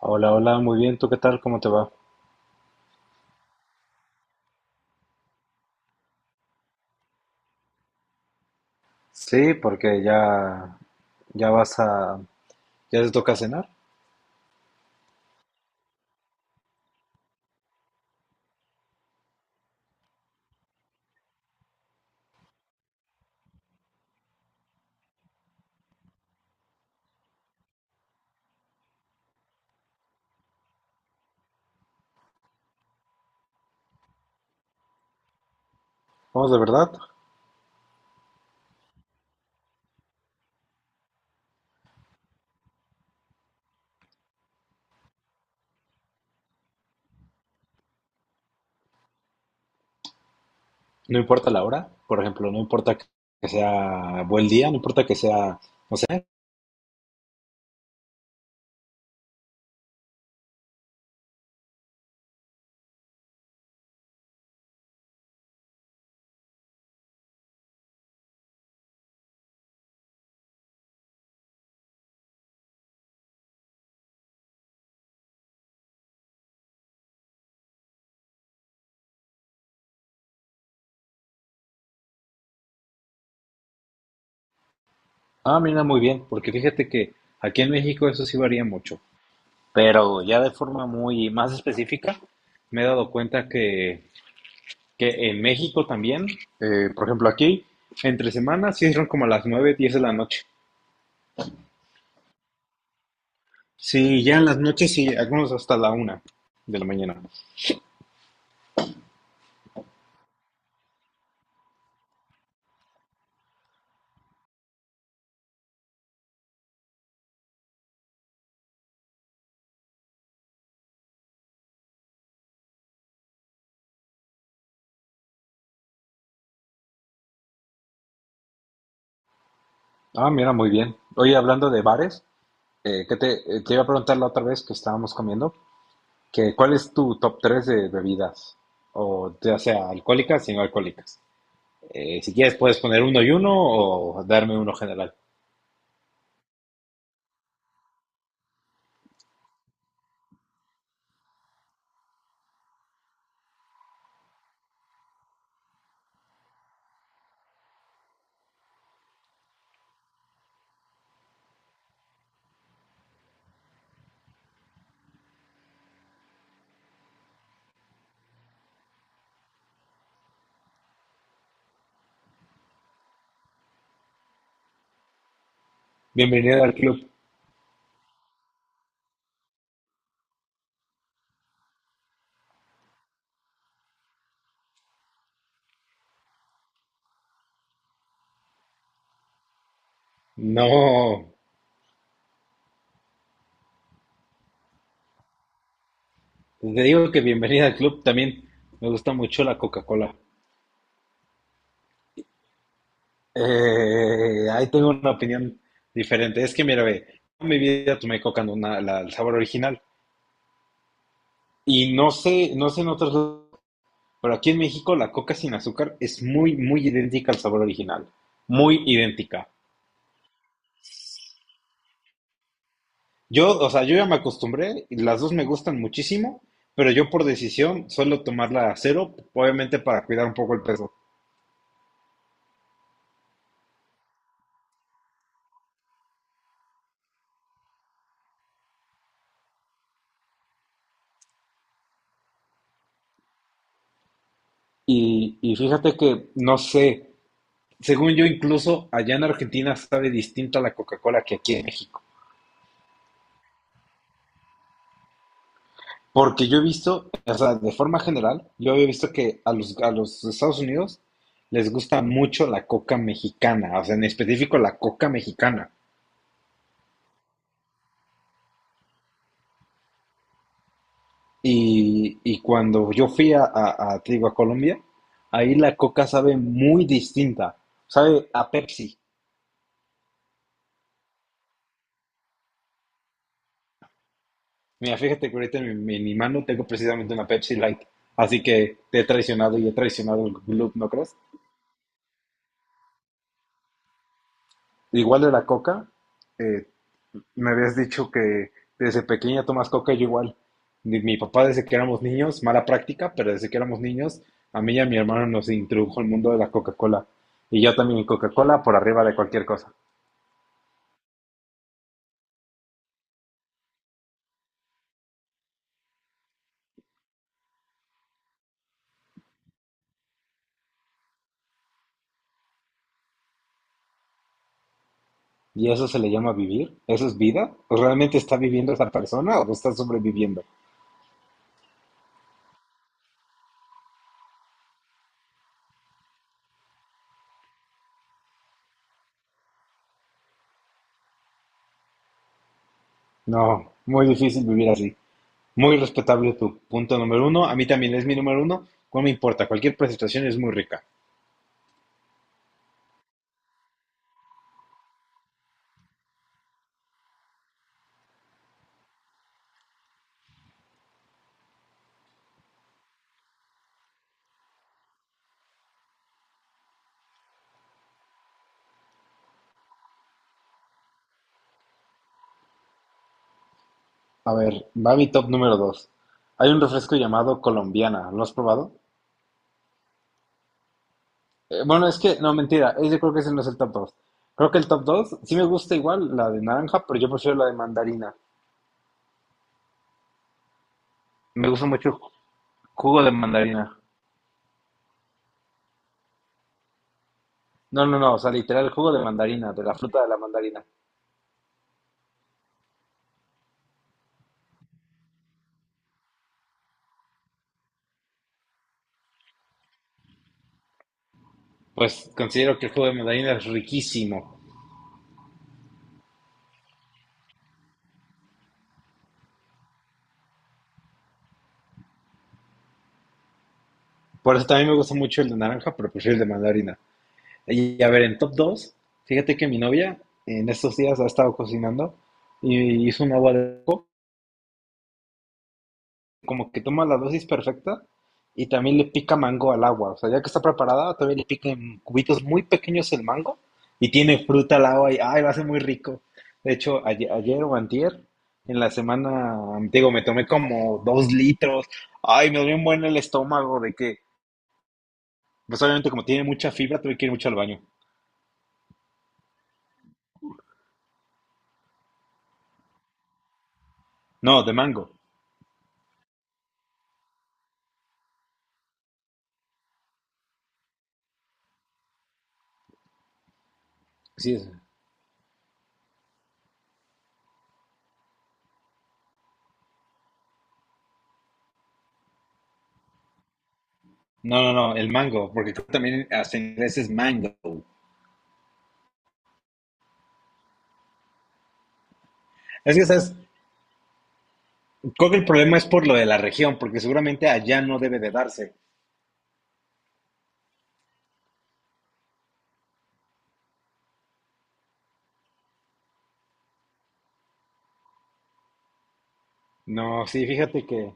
Hola, hola, muy bien. ¿Tú qué tal? ¿Cómo te va? Sí, porque ya vas a, ya te toca cenar. Vamos, de verdad. No importa la hora, por ejemplo, no importa que sea buen día, no importa que sea, no sé. Ah, mira, muy bien, porque fíjate que aquí en México eso sí varía mucho, pero ya de forma muy más específica me he dado cuenta que en México también, por ejemplo, aquí entre semanas sí son como a las 9, 10 de la noche. Sí, ya en las noches y algunos hasta la 1 de la mañana. Ah, mira, muy bien. Oye, hablando de bares, que te, te iba a preguntar la otra vez que estábamos comiendo, que ¿cuál es tu top 3 de bebidas? O ya sea alcohólicas y no alcohólicas. Si quieres puedes poner uno y uno o darme uno general. Bienvenido al club. No, te digo que bienvenida al club también. Me gusta mucho la Coca-Cola. Ahí tengo una opinión diferente. Es que mira, ve, en mi vida tomé coca no na- la- el sabor original. Y no sé, no sé en otros lados, pero aquí en México la coca sin azúcar es muy, muy idéntica al sabor original. Muy idéntica. Yo, o sea, yo ya me acostumbré, y las dos me gustan muchísimo, pero yo por decisión suelo tomarla a cero, obviamente para cuidar un poco el peso. Y fíjate que, no sé, según yo incluso allá en Argentina sabe distinta la Coca-Cola que aquí en México. Porque yo he visto, o sea, de forma general, yo había visto que a los Estados Unidos les gusta mucho la coca mexicana, o sea, en específico la coca mexicana. Y cuando yo fui te digo, a Colombia, ahí la coca sabe muy distinta, sabe a Pepsi. Mira, fíjate que ahorita en mi mano tengo precisamente una Pepsi Light, así que te he traicionado y he traicionado el club, ¿no crees? Igual de la coca, eh, me habías dicho que desde pequeña tomas coca, yo igual. Mi papá desde que éramos niños, mala práctica, pero desde que éramos niños, a mí y a mi hermano nos introdujo el mundo de la Coca-Cola. Y yo también Coca-Cola por arriba de cualquier cosa. ¿Y eso se le llama vivir? ¿Eso es vida? ¿O realmente está viviendo esa persona o no está sobreviviendo? No, muy difícil vivir así. Muy respetable tu punto número uno. A mí también es mi número uno. No me importa, cualquier presentación es muy rica. A ver, va mi top número 2. Hay un refresco llamado Colombiana. ¿Lo has probado? Bueno, es que, no, mentira. Yo creo que ese no es el top 2. Creo que el top 2 sí me gusta igual la de naranja, pero yo prefiero la de mandarina. Me gusta mucho el jugo de mandarina. No, no, no. O sea, literal, el jugo de mandarina, de la fruta de la mandarina. Pues considero que el jugo de mandarina es riquísimo. Por eso también me gusta mucho el de naranja, pero prefiero el de mandarina. Y a ver, en top 2, fíjate que mi novia en estos días ha estado cocinando y hizo un agua de coco, como que toma la dosis perfecta y también le pica mango al agua. O sea, ya que está preparada, también le pica en cubitos muy pequeños el mango y tiene fruta al agua y, ay, lo hace muy rico. De hecho, ayer, ayer o antier, en la semana, digo, me tomé como 2 litros. Ay, me dolió un buen el estómago de que, pues obviamente como tiene mucha fibra, tuve que ir mucho al baño. No, de mango. Sí, es- No, no, no, el mango, porque creo que también hasta en inglés es mango. Es que, ¿sabes? Creo que el problema es por lo de la región, porque seguramente allá no debe de darse. No, sí, fíjate que,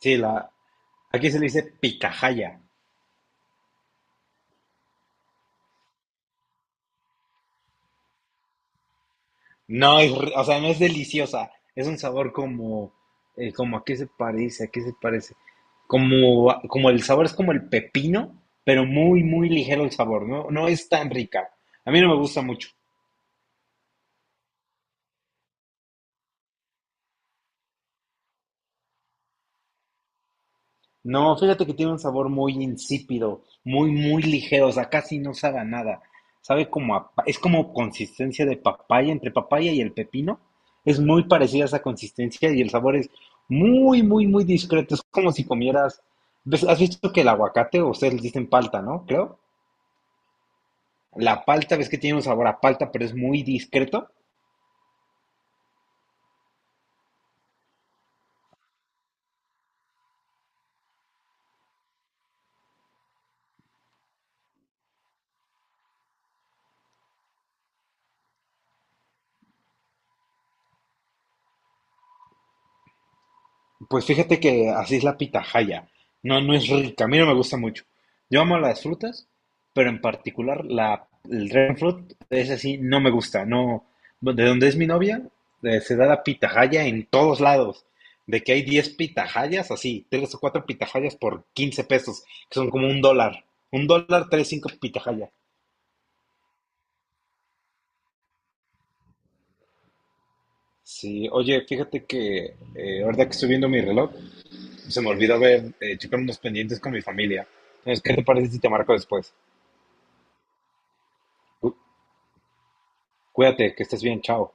sí, la, aquí se le dice picajaya. No, es, o sea, no es deliciosa. Es un sabor como, como a qué se parece, a qué se parece. Como, como el sabor es como el pepino, pero muy, muy ligero el sabor. No, no es tan rica. A mí no me gusta mucho. No, fíjate que tiene un sabor muy insípido, muy, muy ligero, o sea, casi no sabe a nada. Sabe como a, es como consistencia de papaya, entre papaya y el pepino. Es muy parecida a esa consistencia y el sabor es muy, muy, muy discreto. Es como si comieras, ¿ves? ¿Has visto que el aguacate, o ustedes le dicen palta, ¿no? Creo. La palta, ves que tiene un sabor a palta, pero es muy discreto. Pues fíjate que así es la pitahaya. No, no es rica. A mí no me gusta mucho. Yo amo las frutas, pero en particular el dragon fruit es así, no me gusta. No, de donde es mi novia, se da la pitahaya en todos lados. De que hay 10 pitahayas, así, 3 o 4 pitahayas por 15 pesos, que son como $1. $1, 3 5 pitahayas. Sí, oye, fíjate que ahorita que estoy viendo mi reloj, se me olvidó checar unos pendientes con mi familia. Entonces, ¿qué te parece si te marco después? Cu- Cuídate, que estés bien. Chao.